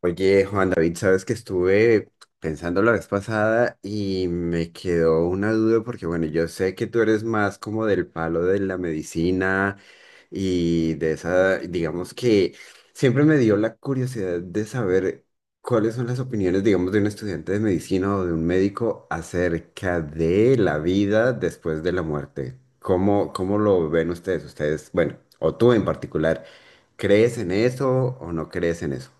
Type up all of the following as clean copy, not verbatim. Oye, Juan David, sabes que estuve pensando la vez pasada y me quedó una duda porque, bueno, yo sé que tú eres más como del palo de la medicina y de esa, digamos que siempre me dio la curiosidad de saber cuáles son las opiniones, digamos, de un estudiante de medicina o de un médico acerca de la vida después de la muerte. ¿Cómo, cómo lo ven ustedes? Ustedes, bueno, o tú en particular, ¿crees en eso o no crees en eso?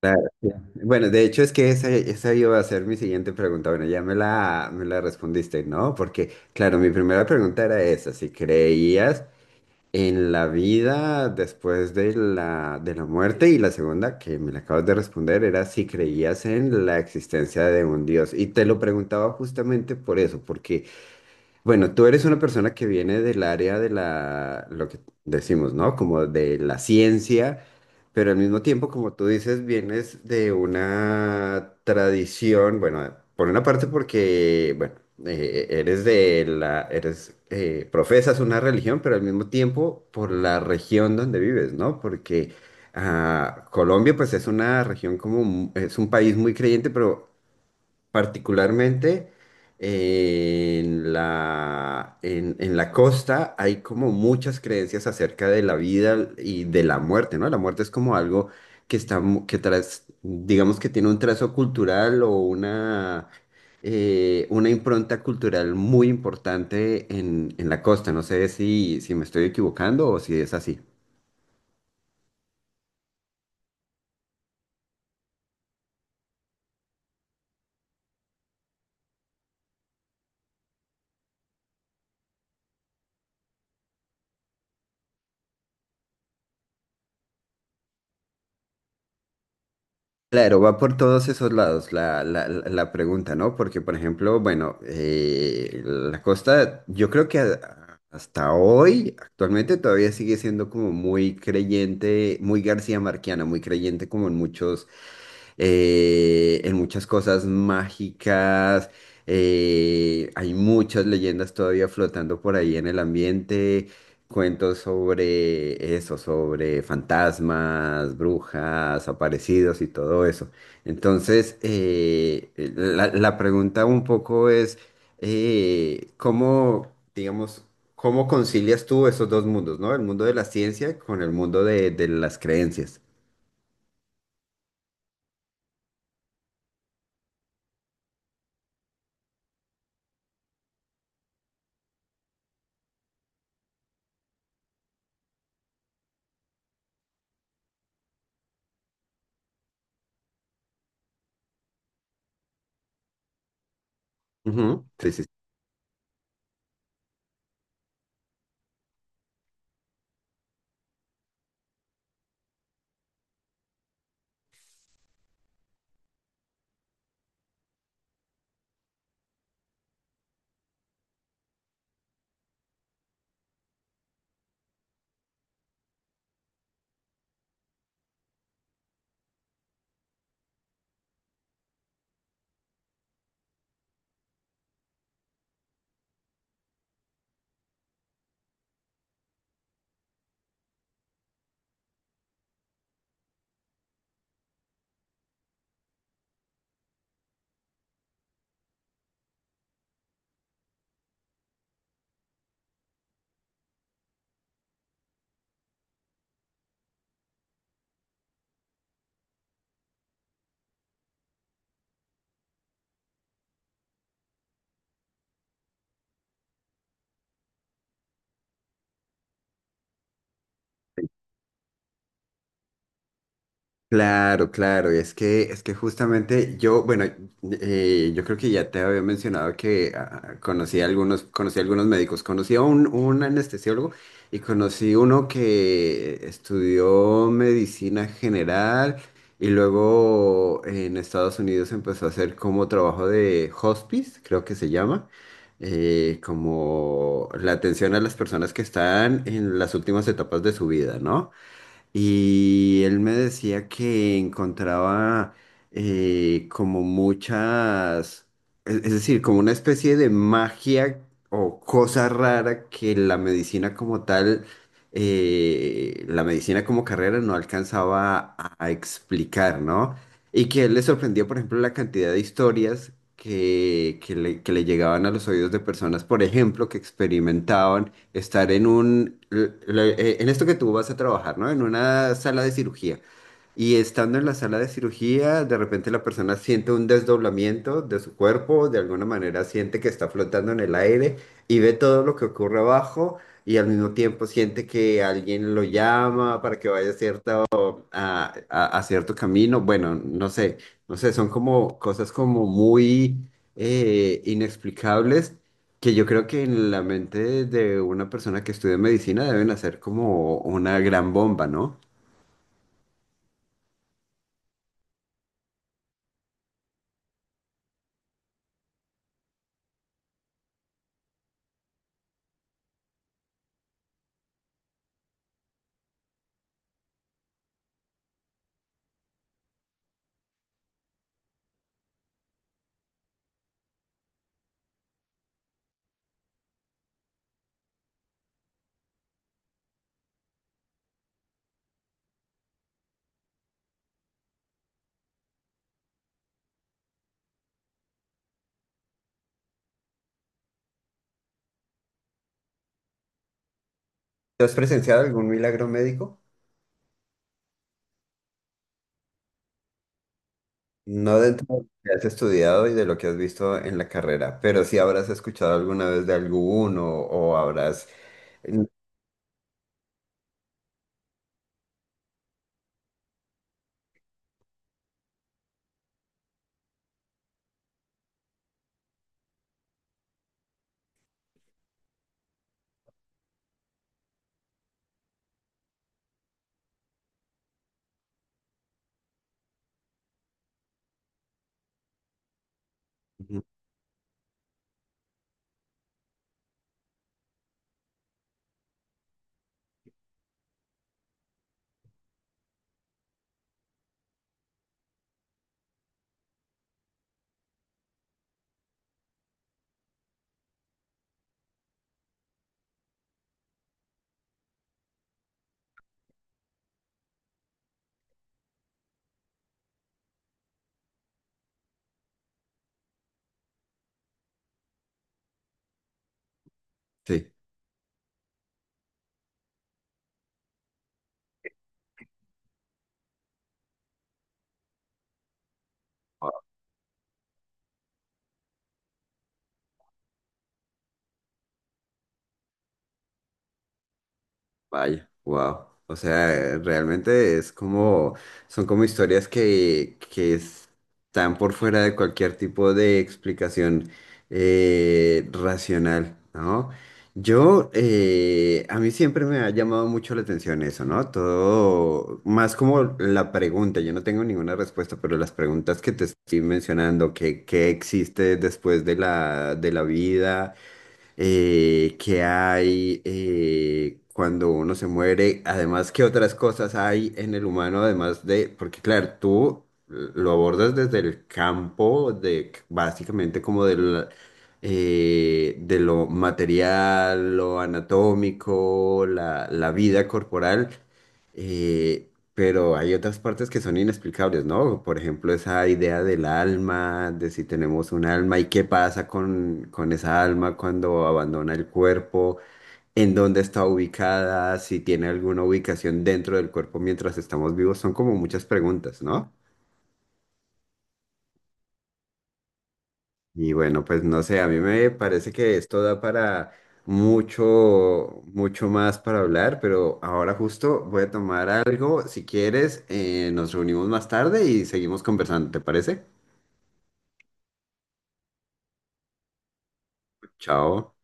Claro, sí. Bueno, de hecho es que esa iba a ser mi siguiente pregunta. Bueno, ya me la respondiste, ¿no? Porque, claro, mi primera pregunta era esa, si creías en la vida después de la muerte y la segunda que me la acabas de responder era si creías en la existencia de un Dios. Y te lo preguntaba justamente por eso, porque... Bueno, tú eres una persona que viene del área de la, lo que decimos, ¿no? Como de la ciencia, pero al mismo tiempo, como tú dices, vienes de una tradición, bueno, por una parte porque, bueno, eres de la, eres, profesas una religión, pero al mismo tiempo por la región donde vives, ¿no? Porque ah, Colombia, pues es una región como, mu- es un país muy creyente, pero particularmente en la costa hay como muchas creencias acerca de la vida y de la muerte, ¿no? La muerte es como algo que está, mu- que tras, digamos que tiene un trazo cultural o una impronta cultural muy importante en la costa. No sé si, si me estoy equivocando o si es así. Claro, va por todos esos lados la, la- la- la pregunta, ¿no? Porque, por ejemplo, bueno, la costa, yo creo que a- hasta hoy, actualmente, todavía sigue siendo como muy creyente, muy García Marquiana, muy creyente como en muchos, en muchas cosas mágicas. Hay muchas leyendas todavía flotando por ahí en el ambiente, cuentos sobre eso, sobre fantasmas, brujas, aparecidos y todo eso. Entonces, la, la pregunta un poco es, ¿cómo, digamos, cómo concilias tú esos dos mundos, ¿no? El mundo de la ciencia con el mundo de las creencias. Ujú. Sí, sí. Claro, claro, y es que justamente yo, bueno, yo creo que ya te había mencionado que ah, ah, conocí a algunos médicos, conocí a un anestesiólogo y conocí uno que estudió medicina general y luego en Estados Unidos empezó a hacer como trabajo de hospice, creo que se llama, como la atención a las personas que están en las últimas etapas de su vida, ¿no? Y él me decía que encontraba como muchas, es decir, como una especie de magia o cosa rara que la medicina como tal, la medicina como carrera no alcanzaba a explicar, ¿no? Y que le sorprendió, por ejemplo, la cantidad de historias que le llegaban a los oídos de personas, por ejemplo, que experimentaban estar en un, l- l- en esto que tú vas a trabajar, ¿no? En una sala de cirugía. Y estando en la sala de cirugía, de repente la persona siente un desdoblamiento de su cuerpo, de alguna manera siente que está flotando en el aire y ve todo lo que ocurre abajo y al mismo tiempo siente que alguien lo llama para que vaya a cierta a cierto camino. Bueno, no sé, no sé, son como cosas como muy inexplicables, que yo creo que en la mente de una persona que estudia medicina deben hacer como una gran bomba, ¿no? ¿Tú has presenciado algún milagro médico? No dentro de lo que has estudiado y de lo que has visto en la carrera, pero sí habrás escuchado alguna vez de alguno o habrás... Ujú. Sí. Vaya, wow. O sea, realmente es como, son como historias que están por fuera de cualquier tipo de explicación racional, ¿no? Yo, a mí siempre me ha llamado mucho la atención eso, ¿no? Todo, más como la pregunta, yo no tengo ninguna respuesta, pero las preguntas que te estoy mencionando, que, ¿qué existe después de la vida? ¿Qué hay cuando uno se muere? Además, ¿qué otras cosas hay en el humano, además de, porque claro, tú lo abordas desde el campo de básicamente como del, de lo material, lo anatómico, la vida corporal. eh, pero hay otras partes que son inexplicables, ¿no? Por ejemplo, esa idea del alma, de si tenemos un alma y qué pasa con esa alma cuando abandona el cuerpo, en dónde está ubicada, si tiene alguna ubicación dentro del cuerpo mientras estamos vivos, son como muchas preguntas, ¿no? Y bueno, pues no sé, a mí me parece que esto da para mucho, mucho más para hablar, pero ahora justo voy a tomar algo. Si quieres, nos reunimos más tarde y seguimos conversando, ¿te parece? Chao.